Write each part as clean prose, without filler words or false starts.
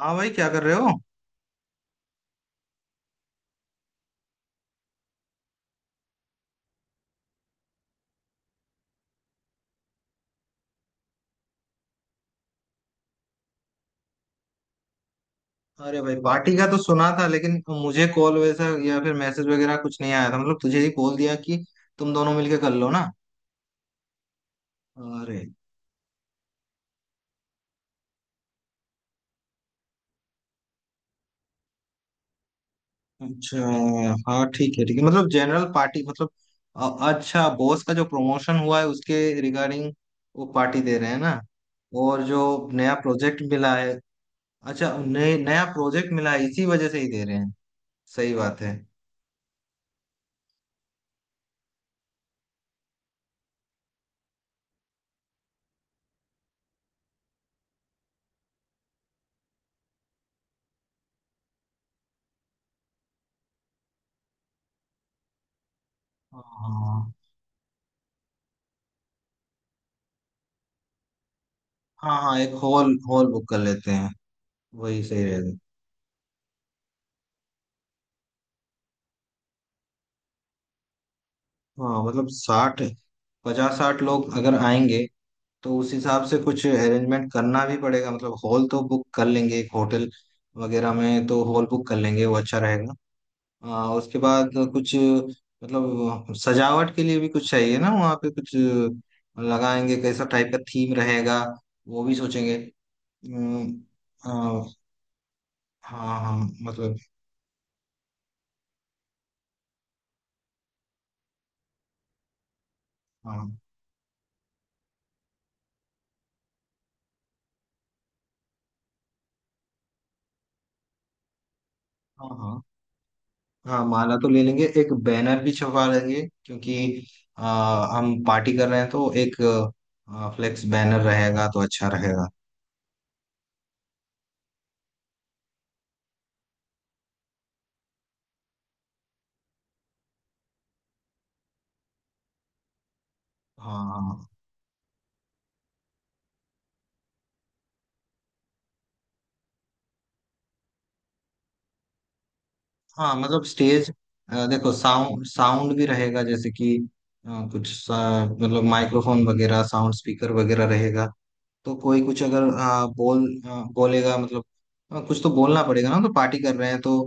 हाँ भाई, क्या कर रहे हो? अरे भाई, पार्टी का तो सुना था लेकिन मुझे कॉल वैसा या फिर मैसेज वगैरह कुछ नहीं आया था। मतलब तुझे ही कॉल दिया कि तुम दोनों मिलके कर लो ना? अरे, अच्छा। हाँ ठीक है, ठीक है, मतलब जनरल पार्टी। मतलब अच्छा, बॉस का जो प्रमोशन हुआ है उसके रिगार्डिंग वो पार्टी दे रहे हैं ना? और जो नया प्रोजेक्ट मिला है। अच्छा, नए नया प्रोजेक्ट मिला है, इसी वजह से ही दे रहे हैं। सही बात है। हाँ हाँ, हाँ, एक हॉल हॉल बुक कर लेते हैं, वही सही रहेगा। हाँ मतलब साठ, पचास साठ लोग अगर आएंगे तो उस हिसाब से कुछ अरेंजमेंट करना भी पड़ेगा। मतलब हॉल तो बुक कर लेंगे, एक होटल वगैरह में तो हॉल बुक कर लेंगे, वो अच्छा रहेगा। उसके बाद कुछ मतलब सजावट के लिए भी कुछ चाहिए ना, वहाँ पे कुछ लगाएंगे। कैसा टाइप का थीम रहेगा वो भी सोचेंगे। अम, आ, हाँ हाँ, मतलब हाँ हाँ। हाँ हाँ, माला तो ले लेंगे, एक बैनर भी छपवा लेंगे क्योंकि हम पार्टी कर रहे हैं तो एक फ्लेक्स बैनर रहेगा तो अच्छा रहेगा। हाँ हाँ, मतलब स्टेज। देखो, साउंड साउंड भी रहेगा, जैसे कि कुछ मतलब माइक्रोफोन वगैरह, साउंड स्पीकर वगैरह रहेगा। तो कोई कुछ अगर बोलेगा, मतलब कुछ तो बोलना पड़ेगा ना, तो पार्टी कर रहे हैं तो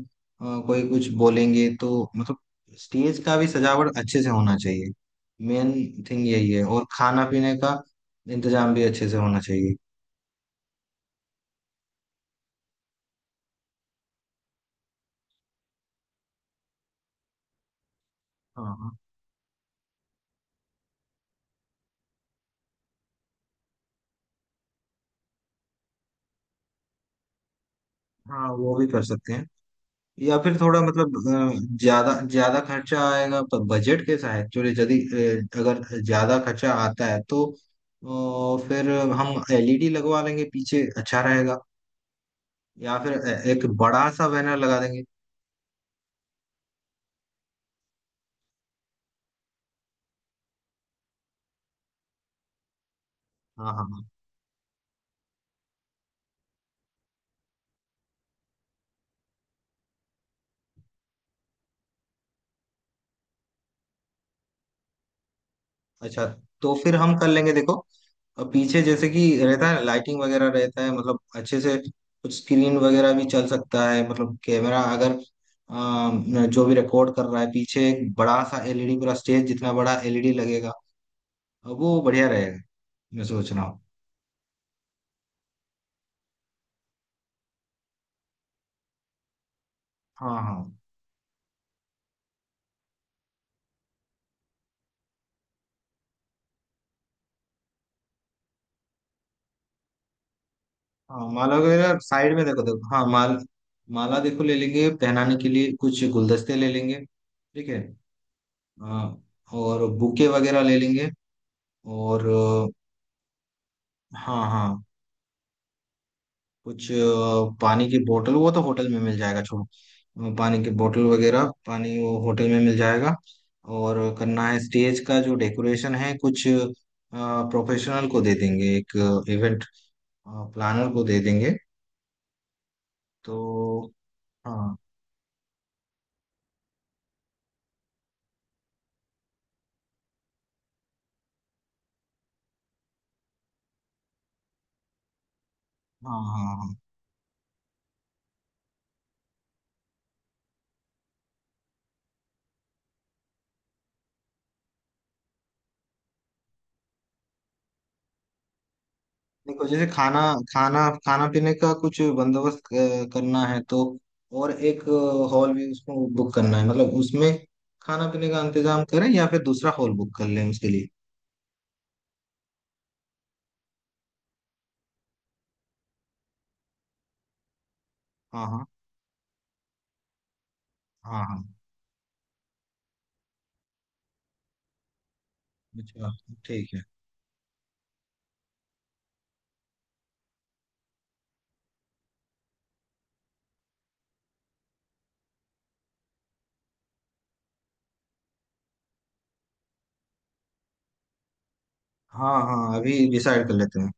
कोई कुछ बोलेंगे तो, मतलब स्टेज का भी सजावट अच्छे से होना चाहिए। मेन थिंग यही है। और खाना पीने का इंतजाम भी अच्छे से होना चाहिए। हाँ हाँ, हाँ, वो भी कर सकते हैं। या फिर थोड़ा मतलब ज्यादा ज्यादा खर्चा आएगा, पर बजट कैसा है एक्चुअली? यदि अगर ज्यादा खर्चा आता है तो फिर हम एलईडी लगवा लेंगे पीछे, अच्छा रहेगा। या फिर एक बड़ा सा बैनर लगा देंगे। हाँ हाँ, हाँ। अच्छा, तो फिर हम कर लेंगे। देखो, पीछे जैसे कि रहता है लाइटिंग वगैरह रहता है, मतलब अच्छे से कुछ स्क्रीन वगैरह भी चल सकता है। मतलब कैमरा अगर जो भी रिकॉर्ड कर रहा है पीछे, एक बड़ा सा एलईडी, पूरा स्टेज जितना बड़ा एलईडी लगेगा, वो बढ़िया रहेगा। मैं सोच रहा हूँ। हाँ हाँ, हाँ, माला वगैरह साइड में, देखो देखो। हाँ, माला देखो, ले लेंगे पहनाने के लिए। कुछ गुलदस्ते ले लेंगे, ठीक है? हाँ, और बुके वगैरह ले लेंगे। और हाँ हाँ। कुछ पानी की बोतल, वो तो होटल में मिल जाएगा, छोड़ो। पानी की बोतल वगैरह, पानी, वो होटल में मिल जाएगा। और करना है स्टेज का जो डेकोरेशन है, कुछ प्रोफेशनल को दे देंगे, एक इवेंट प्लानर को दे देंगे। तो हाँ, हाँ, हाँ। हाँ, देखो, जैसे खाना खाना खाना पीने का कुछ बंदोबस्त करना है तो। और एक हॉल भी उसको बुक करना है, मतलब उसमें खाना पीने का इंतजाम करें या फिर दूसरा हॉल बुक कर लें उसके लिए। हाँ हाँ, हाँ हाँ। अच्छा, ठीक है। हाँ हाँ, अभी डिसाइड कर लेते हैं।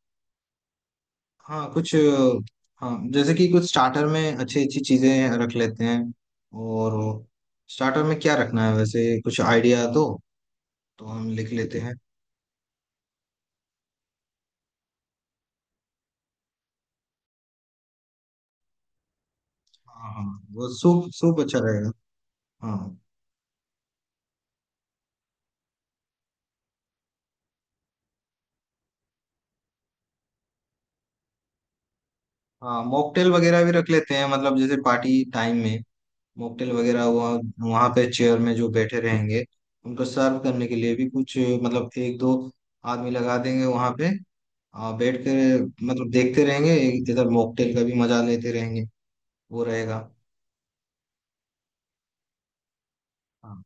हाँ, कुछ हाँ, जैसे कि कुछ स्टार्टर में अच्छी अच्छी चीजें रख लेते हैं। और स्टार्टर में क्या रखना है, वैसे कुछ आइडिया दो तो हम लिख लेते हैं। हाँ हाँ, वो सूप सूप अच्छा रहेगा। हाँ हाँ, मॉकटेल वगैरह भी रख लेते हैं, मतलब जैसे पार्टी टाइम में मॉकटेल वगैरह हुआ। वहाँ पे चेयर में जो बैठे रहेंगे उनको सर्व करने के लिए भी कुछ, मतलब एक दो आदमी लगा देंगे वहाँ पे। बैठ कर, मतलब देखते रहेंगे, इधर मॉकटेल का भी मजा लेते रहेंगे, वो रहेगा। हाँ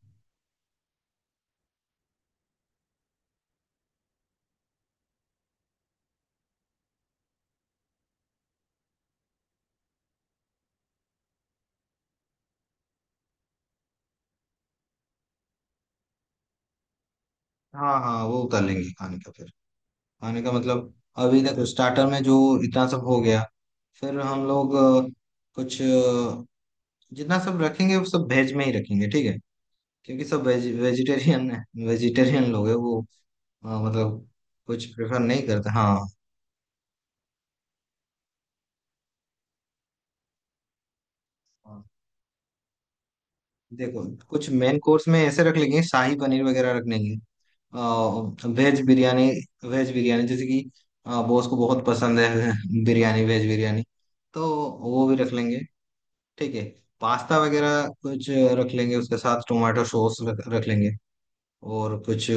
हाँ, हाँ, वो उतार लेंगे खाने का फिर। खाने का मतलब, अभी तक स्टार्टर में जो इतना सब हो गया, फिर हम लोग कुछ जितना सब रखेंगे वो सब वेज में ही रखेंगे, ठीक है? क्योंकि सब वेज, वेजिटेरियन है, वेजिटेरियन लोग है वो। हाँ, मतलब कुछ प्रेफर नहीं करते, हाँ। हाँ। देखो, कुछ मेन कोर्स में ऐसे रख लेंगे, शाही पनीर वगैरह रख लेंगे। वेज बिरयानी, वेज बिरयानी जैसे कि बॉस को बहुत पसंद है बिरयानी, वेज बिरयानी, तो वो भी रख लेंगे। ठीक है। पास्ता वगैरह कुछ रख लेंगे, उसके साथ टोमेटो सॉस रख लेंगे। और कुछ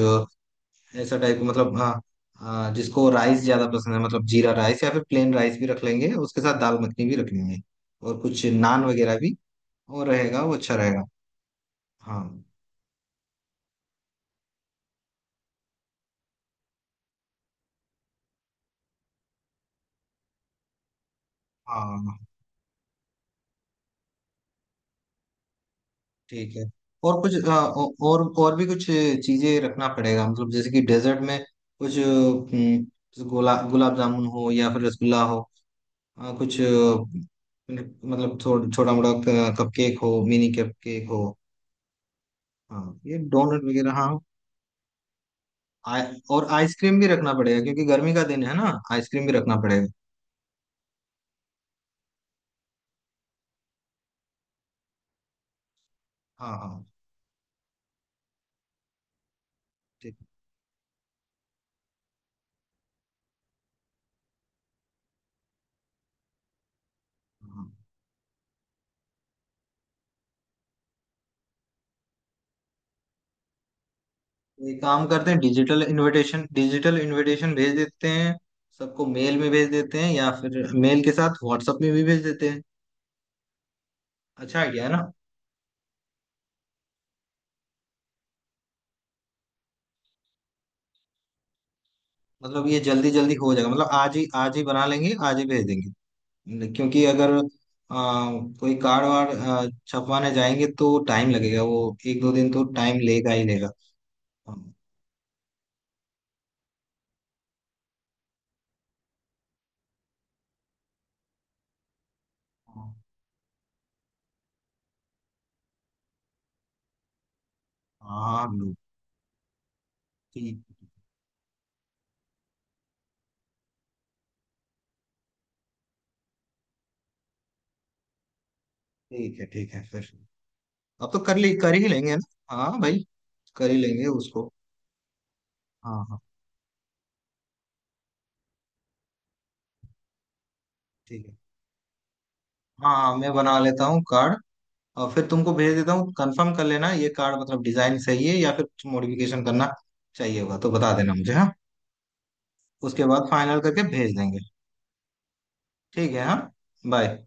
ऐसा टाइप का मतलब, हाँ। हाँ, जिसको राइस ज्यादा पसंद है, मतलब जीरा राइस या फिर प्लेन राइस भी रख लेंगे, उसके साथ दाल मखनी भी रख लेंगे। और कुछ नान वगैरह भी और रहेगा, वो अच्छा रहेगा। हाँ हाँ, ठीक है। और कुछ और भी कुछ चीजें रखना पड़ेगा, मतलब जैसे कि डेजर्ट में कुछ जैसे गोला गुलाब जामुन हो या फिर रसगुल्ला हो। कुछ मतलब थोड़ा छोटा मोटा कप केक हो, मिनी कप केक हो। हाँ, ये डोनट वगैरह, हाँ। आ, और आइसक्रीम भी रखना पड़ेगा क्योंकि गर्मी का दिन है ना, आइसक्रीम भी रखना पड़ेगा। हाँ हाँ, ठीक, हाँ। तो एक काम करते हैं, डिजिटल इनविटेशन, डिजिटल इनविटेशन भेज देते हैं। सबको मेल में भेज देते हैं, या फिर मेल के साथ व्हाट्सएप में भी भेज देते हैं। अच्छा आइडिया है ना? मतलब ये जल्दी जल्दी हो जाएगा, मतलब आज ही, आज ही बना लेंगे, आज ही भेज देंगे। क्योंकि अगर कोई कार्ड वार्ड छपवाने जाएंगे तो टाइम लगेगा, वो एक दो दिन तो टाइम लेगा ही लेगा। हाँ हाँ, हाँ, हम लोग ठीक। ठीक है, ठीक है फिर। अब तो कर ही लेंगे ना, हाँ भाई, कर ही लेंगे उसको। हाँ हाँ, ठीक है। हाँ हाँ, मैं बना लेता हूँ कार्ड, और फिर तुमको भेज देता हूँ। कंफर्म कर लेना, ये कार्ड मतलब डिजाइन सही है या फिर कुछ मॉडिफिकेशन करना चाहिए होगा तो बता देना मुझे, हाँ। उसके बाद फाइनल करके भेज देंगे। ठीक है, हाँ। बाय।